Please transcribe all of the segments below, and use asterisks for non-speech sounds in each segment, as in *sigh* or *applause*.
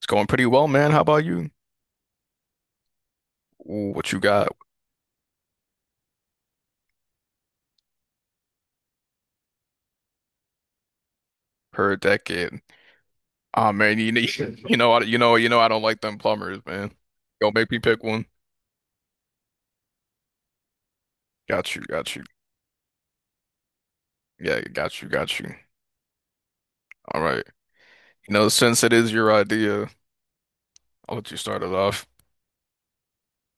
It's going pretty well, man. How about you? Ooh, what you got per decade? Ah, man, you need, *laughs* you know, I don't like them plumbers, man. Don't make me pick one. Got you, got you. Yeah, got you, got you. All right. Since it is your idea, I'll let you start it off.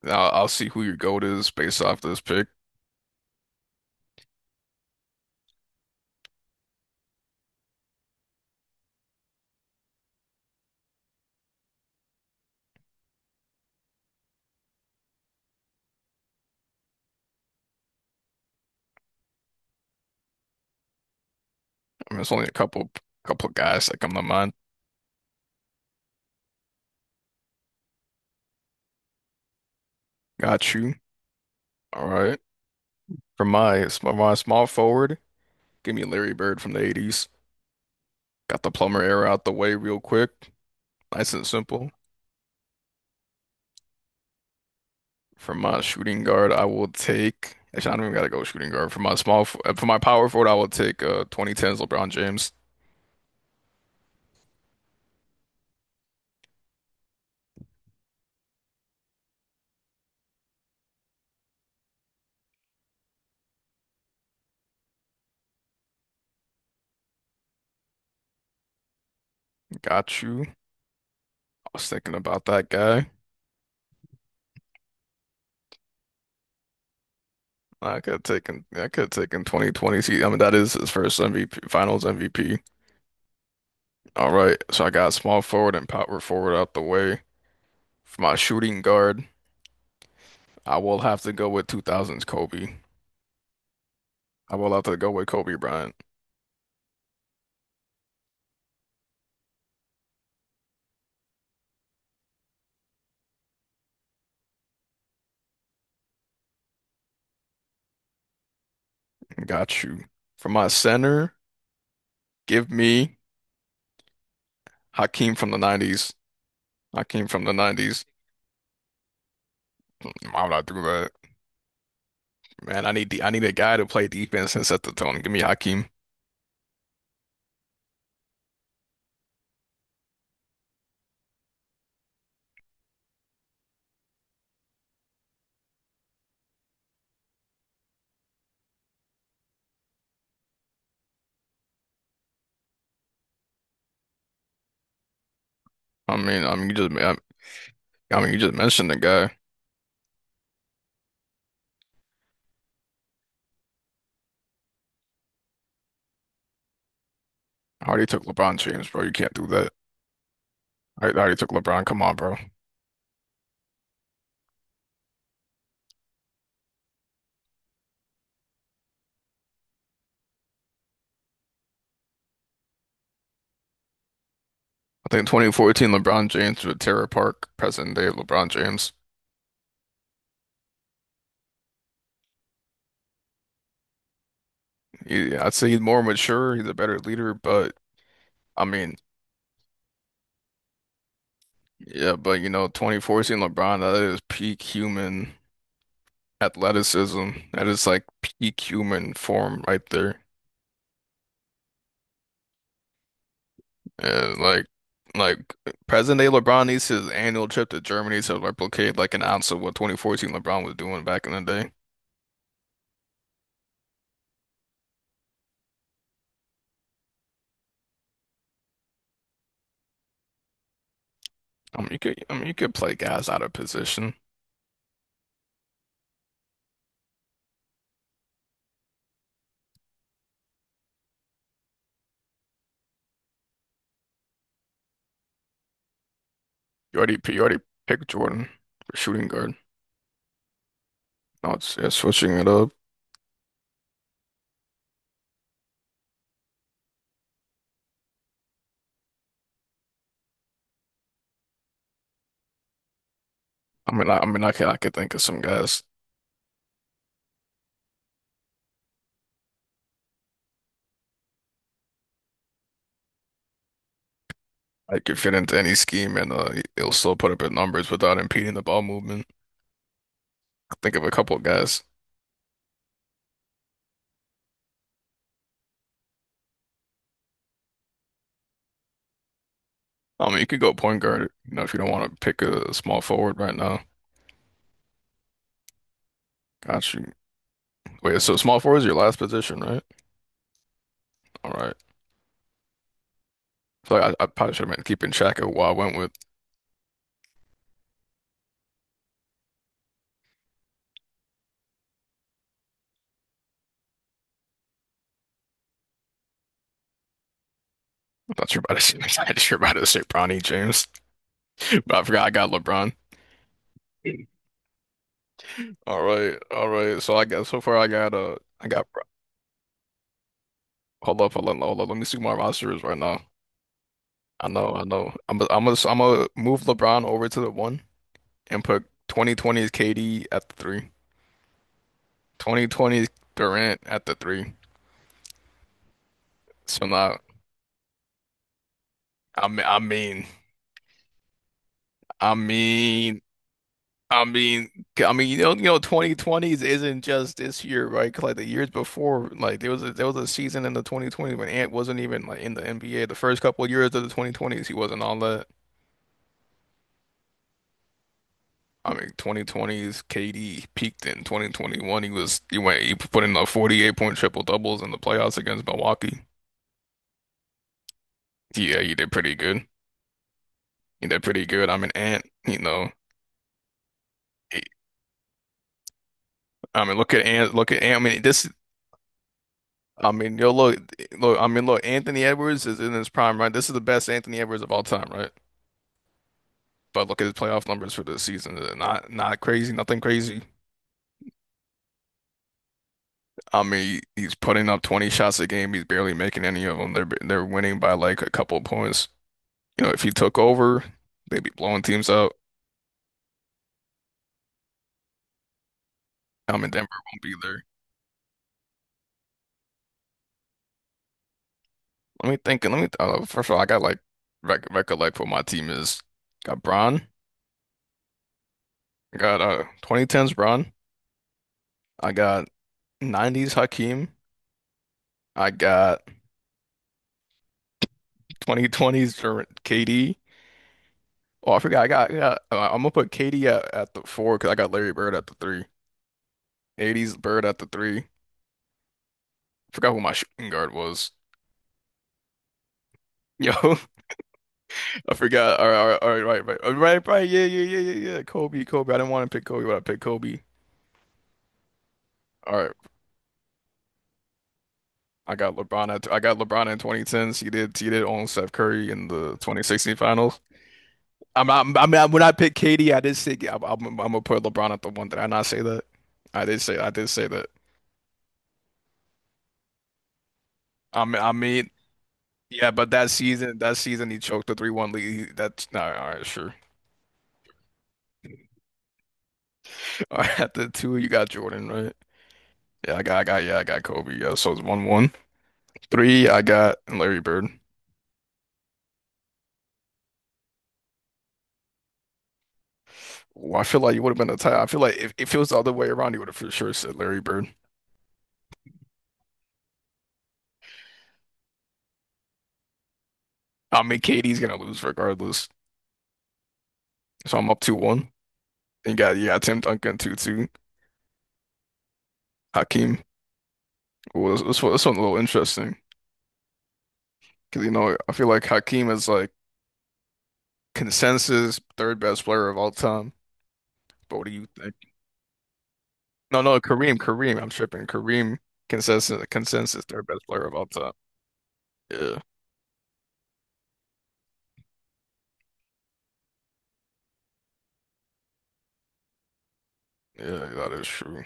Now I'll see who your GOAT is based off this pick. I mean, it's only a couple of guys that come to mind. Got you. All right. For my small forward, give me Larry Bird from the 80s. Got the plumber era out the way real quick. Nice and simple. For my shooting guard, I will take. Actually, I don't even gotta go shooting guard. For my power forward, I will take 2010's LeBron James. Got you. I was thinking about that guy. I could have taken 2020. See, I mean, that is his first MVP, Finals MVP. All right, so I got small forward and power forward out the way. For my shooting guard, I will have to go with 2000's Kobe. I will have to go with Kobe Bryant. Got you. For my center, give me Hakeem from the 90s. Hakeem from the 90s. I'm not through that. Man, I need a guy to play defense and set the tone. Give me Hakeem. I mean, you just mentioned the guy. I already took LeBron James, bro. You can't do that. I already took LeBron. Come on, bro. I think 2014 LeBron James with Tara Park, present day LeBron James. I'd say he's more mature. He's a better leader, but I mean, yeah, but 2014 LeBron, that is peak human athleticism. That is like peak human form right there. Yeah, like like present day LeBron needs his annual trip to Germany to replicate like an ounce of what 2014 LeBron was doing back in the day. I mean, you could play guys out of position. You already picked Jordan for shooting guard. Now it's, yeah, switching it up. I mean I can I could think of some guys that could fit into any scheme and they'll still put up his numbers without impeding the ball movement. I think of a couple of guys. I mean, you could go point guard, if you don't want to pick a small forward right now. Got you. Wait, so small forward is your last position, right? All right. So I probably should have been keeping track of who I went with. I thought you were about to say, *laughs* not sure about to say Bronny James, *laughs* but I forgot I got LeBron. All right, all right. So I got so far I got hold up, hold up, hold up. Let me see who my roster is right now. I know, I know. I'm gonna move LeBron over to the one and put 2020's KD at the three, 2020's Durant at the three. So now, I mean, I mean, I mean, I mean, I mean, 2020s isn't just this year, right? 'Cause, like the years before, like there was a season in the 2020s when Ant wasn't even like in the NBA. The first couple of years of the 2020s, he wasn't on that. I mean, 2020s, KD peaked in 2021. He was he went he put in like 48 point triple doubles in the playoffs against Milwaukee. Yeah, he did pretty good. He did pretty good. I mean, Ant, he, look at Ant, look at Ant. I mean, this I mean, yo, look, look. I mean, look. Anthony Edwards is in his prime, right? This is the best Anthony Edwards of all time, right? But look at his playoff numbers for this season. They're not crazy, nothing crazy. I mean, he's putting up 20 shots a game. He's barely making any of them. They're winning by like a couple of points. If he took over, they'd be blowing teams out. I mean, Denver won't be there. Let me think. Let me. First of all, I got like recollect what my team is. Got Bron. I got 2010s Bron. I got 90s Hakeem. I got 2020s for KD. Oh, I forgot. I got, yeah, I got I'm gonna put KD at the four because I got Larry Bird at the three. 80s Bird at the three. Forgot who my shooting guard was. Yo, *laughs* I forgot. All right, all right, all right, right, right, all right, right. Yeah, yeah, yeah, yeah, yeah. Kobe, Kobe. I didn't want to pick Kobe, but I picked Kobe. All right, I got LeBron in 2010s. He did own Steph Curry in the 2016 finals. I'm not, I mean, when I picked KD, I did say I'm gonna put LeBron at the one. Did I not say that? I did say that. I mean, yeah, but that season he choked the 3-1 lead. That's not all right, sure. *laughs* All right, at the two, you got Jordan, right? Yeah, I got Kobe. Yeah, so it's 1-1. Three, I got Larry Bird. Well, I feel like you would have been a tie. I feel like if it was the other way around, you would have for sure said Larry Bird. I mean, KD's gonna lose regardless, so I'm up 2-1. You got Tim Duncan 2-2. Hakeem, well, this one's a little interesting because I feel like Hakeem is like consensus third best player of all time. But what do you think? No, no, Kareem, Kareem. I'm tripping. Kareem consensus third best player of all time. Yeah, yeah, that is true.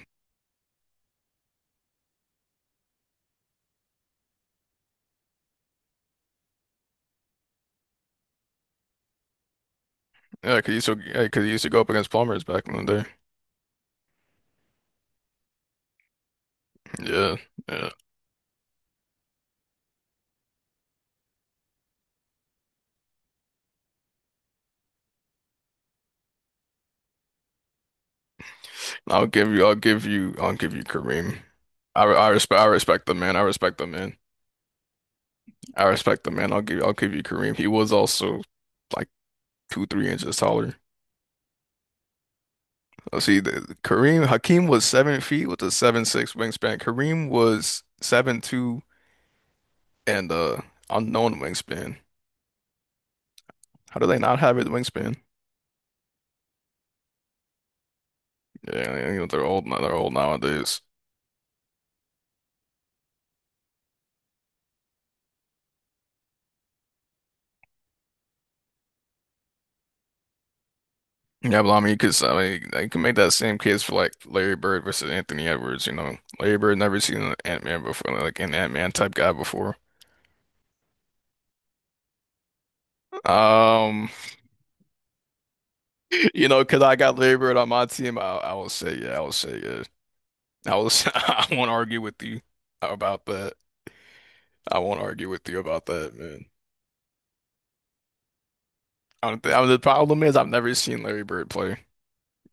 Yeah, 'cause he used to go up against Plumbers back in the day. Yeah, yeah. I'll give you Kareem. I respect the man. I respect the man. I respect the man. I'll give you Kareem. He was also like two, 3 inches taller. Let see, Kareem Hakeem was 7 feet with a 7'6" wingspan. Kareem was 7'2" and unknown wingspan. How do they not have it wingspan? Yeah, they're old now. They're old nowadays. Yeah, but I mean, because I mean, they can make that same case for like Larry Bird versus Anthony Edwards. Larry Bird never seen an Ant-Man before, like an Ant-Man type guy before. Um, *laughs* because I got Larry Bird on my team, I will say, yeah, I will say, yeah, I will. Say, *laughs* I won't argue with you about that. I won't argue with you about that, man. I don't think, I mean, the problem is I've never seen Larry Bird play.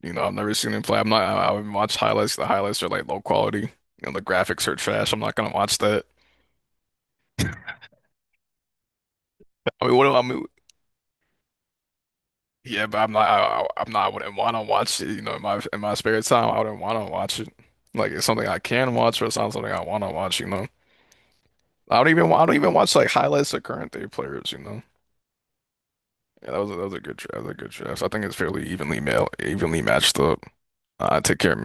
I've never seen him play. I'm not. I would watch highlights. The highlights are like low quality. The graphics are trash. I'm not gonna watch that. I mean, what do I mean? Yeah, but I'm not. I'm not. I wouldn't want to watch it. In my spare time, I wouldn't want to watch it. Like it's something I can watch, but it's not something I want to watch. I don't even. I don't even watch like highlights of current day players. Yeah, that was a good draft. That was a good draft. So I think it's fairly evenly male, evenly matched up. Take care, man.